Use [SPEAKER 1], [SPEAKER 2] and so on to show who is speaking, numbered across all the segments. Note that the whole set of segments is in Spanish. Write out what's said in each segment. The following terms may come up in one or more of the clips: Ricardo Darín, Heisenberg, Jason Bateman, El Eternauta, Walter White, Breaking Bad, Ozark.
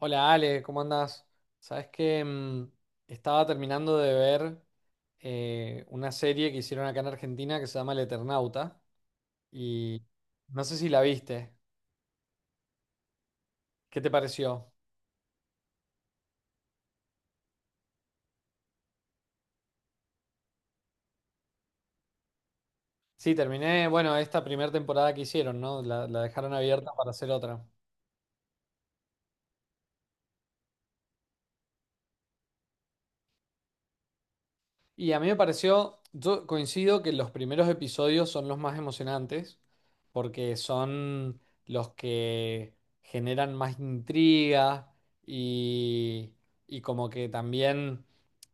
[SPEAKER 1] Hola Ale, ¿cómo andás? Sabes que estaba terminando de ver una serie que hicieron acá en Argentina que se llama El Eternauta y no sé si la viste. ¿Qué te pareció? Sí, terminé, bueno, esta primera temporada que hicieron, ¿no? La dejaron abierta para hacer otra. Y a mí me pareció, yo coincido que los primeros episodios son los más emocionantes, porque son los que generan más intriga y, y como que también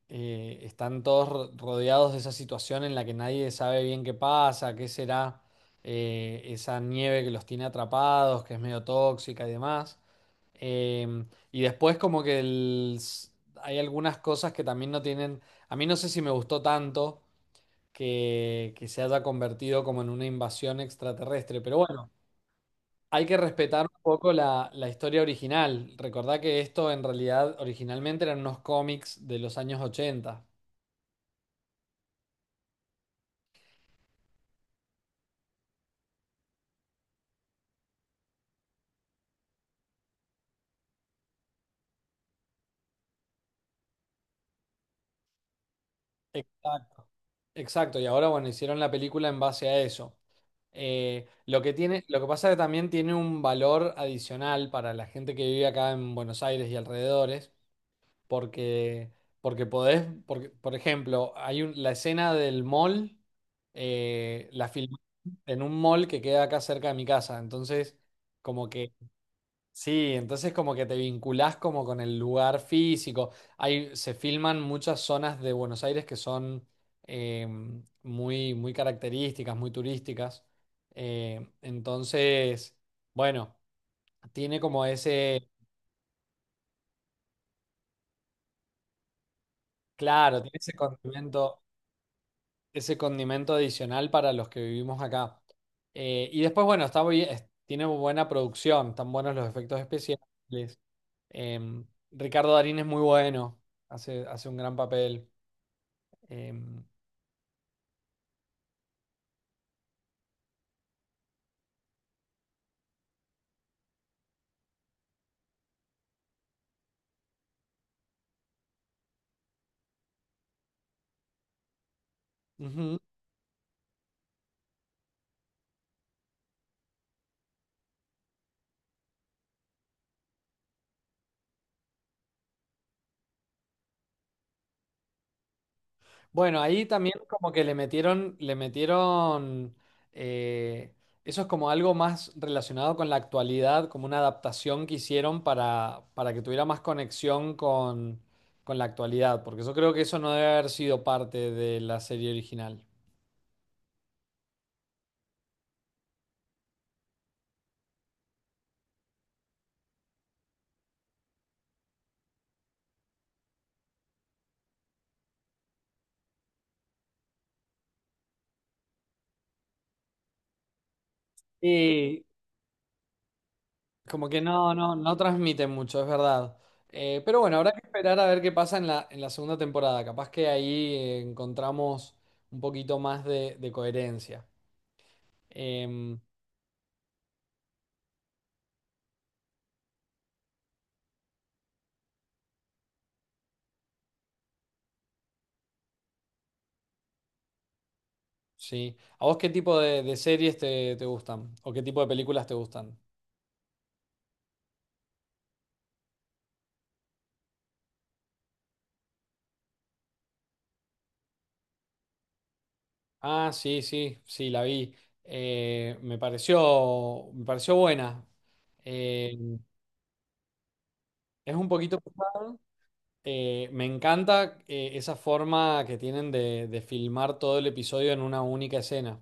[SPEAKER 1] están todos rodeados de esa situación en la que nadie sabe bien qué pasa, qué será, esa nieve que los tiene atrapados, que es medio tóxica y demás. Y después como que hay algunas cosas que también no tienen, a mí no sé si me gustó tanto que se haya convertido como en una invasión extraterrestre, pero bueno, hay que respetar un poco la historia original. Recordá que esto en realidad originalmente eran unos cómics de los años ochenta. Exacto. Exacto, y ahora bueno, hicieron la película en base a eso. Lo que pasa es que también tiene un valor adicional para la gente que vive acá en Buenos Aires y alrededores, porque, porque podés, porque, por ejemplo, la escena del mall, la filmé en un mall que queda acá cerca de mi casa, entonces como que... Sí, entonces como que te vinculás como con el lugar físico. Hay, se filman muchas zonas de Buenos Aires que son eh, muy, muy características, muy turísticas. Entonces, bueno, tiene como ese, claro, tiene ese condimento adicional para los que vivimos acá. Y después, bueno, tiene buena producción, están buenos los efectos especiales. Ricardo Darín es muy bueno, hace un gran papel. Em, ujú. Bueno, ahí también como que le metieron, eh, eso es como algo más relacionado con la actualidad, como una adaptación que hicieron para que tuviera más conexión con la actualidad, porque yo creo que eso no debe haber sido parte de la serie original. Y como que no, no, no transmite mucho, es verdad. Pero bueno, habrá que esperar a ver qué pasa en la segunda temporada. Capaz que ahí encontramos un poquito más de coherencia. Em, sí. ¿A vos qué tipo de series te, te gustan? ¿O qué tipo de películas te gustan? Ah, sí, sí, sí, la vi. Me pareció buena. Em, es un poquito pesada. Me encanta esa forma que tienen de filmar todo el episodio en una única escena.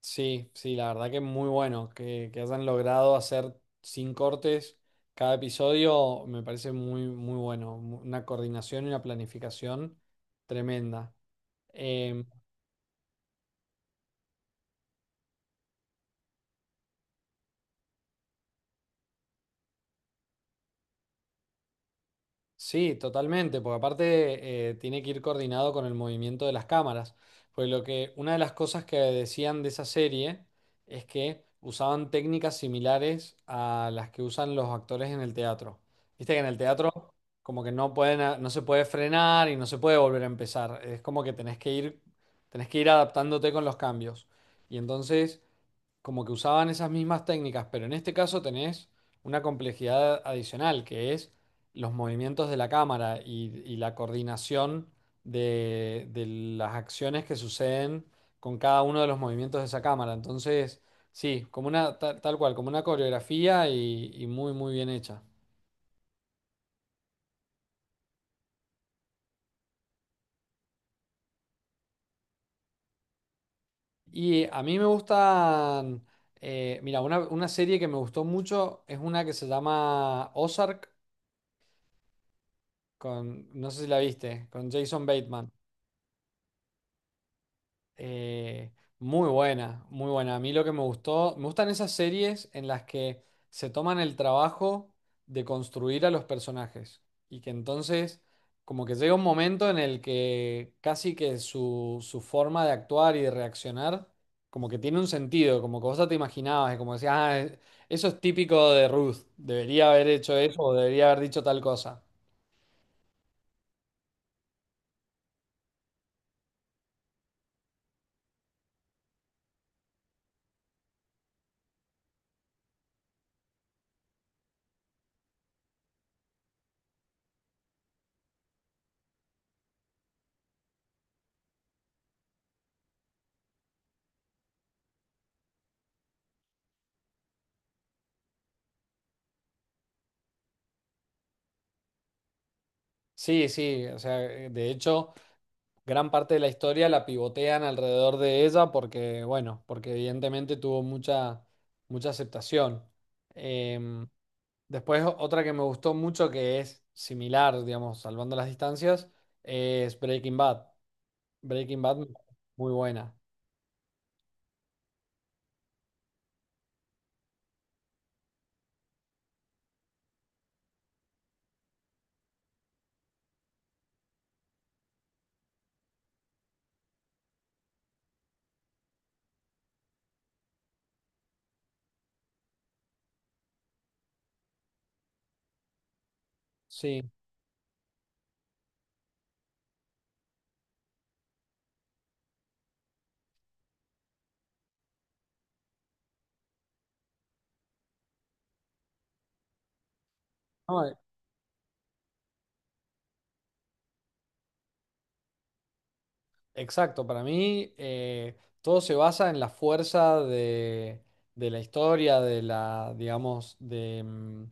[SPEAKER 1] Sí, sí, la verdad que es muy bueno que hayan logrado hacer sin cortes cada episodio, me parece muy, muy bueno. Una coordinación y una planificación tremenda. Em, Sí, totalmente, porque aparte tiene que ir coordinado con el movimiento de las cámaras. Pues lo que, una de las cosas que decían de esa serie es que usaban técnicas similares a las que usan los actores en el teatro. Viste que en el teatro como que no pueden, no se puede frenar y no se puede volver a empezar. Es como que tenés que ir adaptándote con los cambios. Y entonces como que usaban esas mismas técnicas, pero en este caso tenés una complejidad adicional, que es los movimientos de la cámara y la coordinación de las acciones que suceden con cada uno de los movimientos de esa cámara. Entonces, sí, tal cual, como una coreografía y muy, muy bien hecha. Y a mí me gustan, mira, una serie que me gustó mucho es una que se llama Ozark, con, no sé si la viste, con Jason Bateman. Eh, muy buena, muy buena. A mí lo que me gustó, me gustan esas series en las que se toman el trabajo de construir a los personajes y que entonces como que llega un momento en el que casi que su forma de actuar y de reaccionar como que tiene un sentido, como que vos ya te imaginabas, y como decías, ah, eso es típico de Ruth, debería haber hecho eso o debería haber dicho tal cosa. Sí, sí, o sea, de hecho, gran parte de la historia la pivotean alrededor de ella porque, bueno, porque evidentemente tuvo mucha, mucha aceptación. Em, después, otra que me gustó mucho que es similar, digamos, salvando las distancias, es Breaking Bad. Breaking Bad, muy buena. Sí. No, exacto, para mí todo se basa en la fuerza de la historia, de la, digamos, de,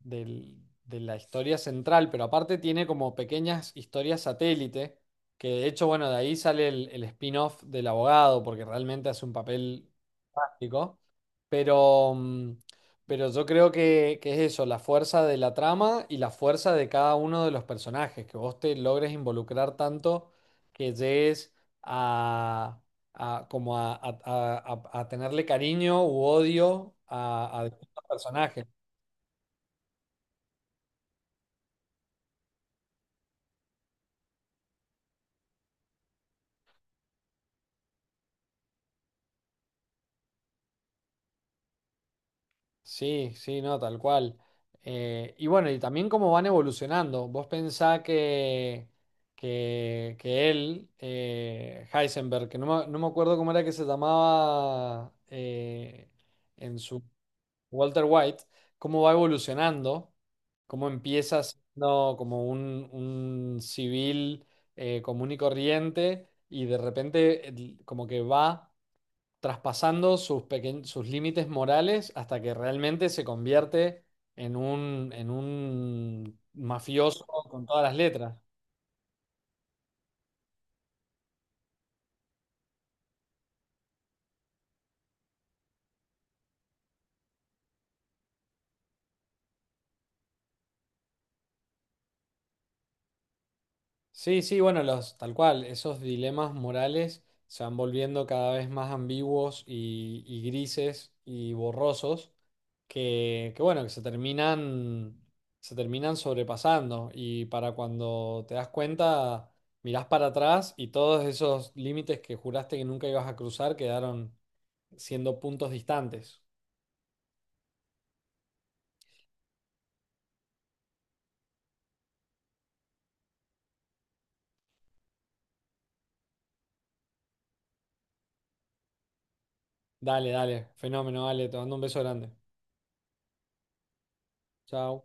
[SPEAKER 1] del- de la historia central, pero aparte tiene como pequeñas historias satélite, que de hecho, bueno, de ahí sale el spin-off del abogado, porque realmente hace un papel fantástico, pero, pero yo creo que es eso, la fuerza de la trama y la fuerza de cada uno de los personajes, que vos te logres involucrar tanto que llegues a, a- como a tenerle cariño u odio a distintos personajes. Sí, sí, no, tal cual. Y bueno, y también cómo van evolucionando. Vos pensá que él, Heisenberg, que no me, no me acuerdo cómo era que se llamaba en su... Walter White, cómo va evolucionando, cómo empieza siendo como un civil común y corriente y de repente como que va traspasando sus, sus límites morales hasta que realmente se convierte en un mafioso con todas las letras. Sí, sí, bueno, los, tal cual, esos dilemas morales se van volviendo cada vez más ambiguos y grises y borrosos que, bueno, que se terminan sobrepasando y para cuando te das cuenta, mirás para atrás y todos esos límites que juraste que nunca ibas a cruzar quedaron siendo puntos distantes. Dale, dale, fenómeno, dale, te mando un beso grande. Chao.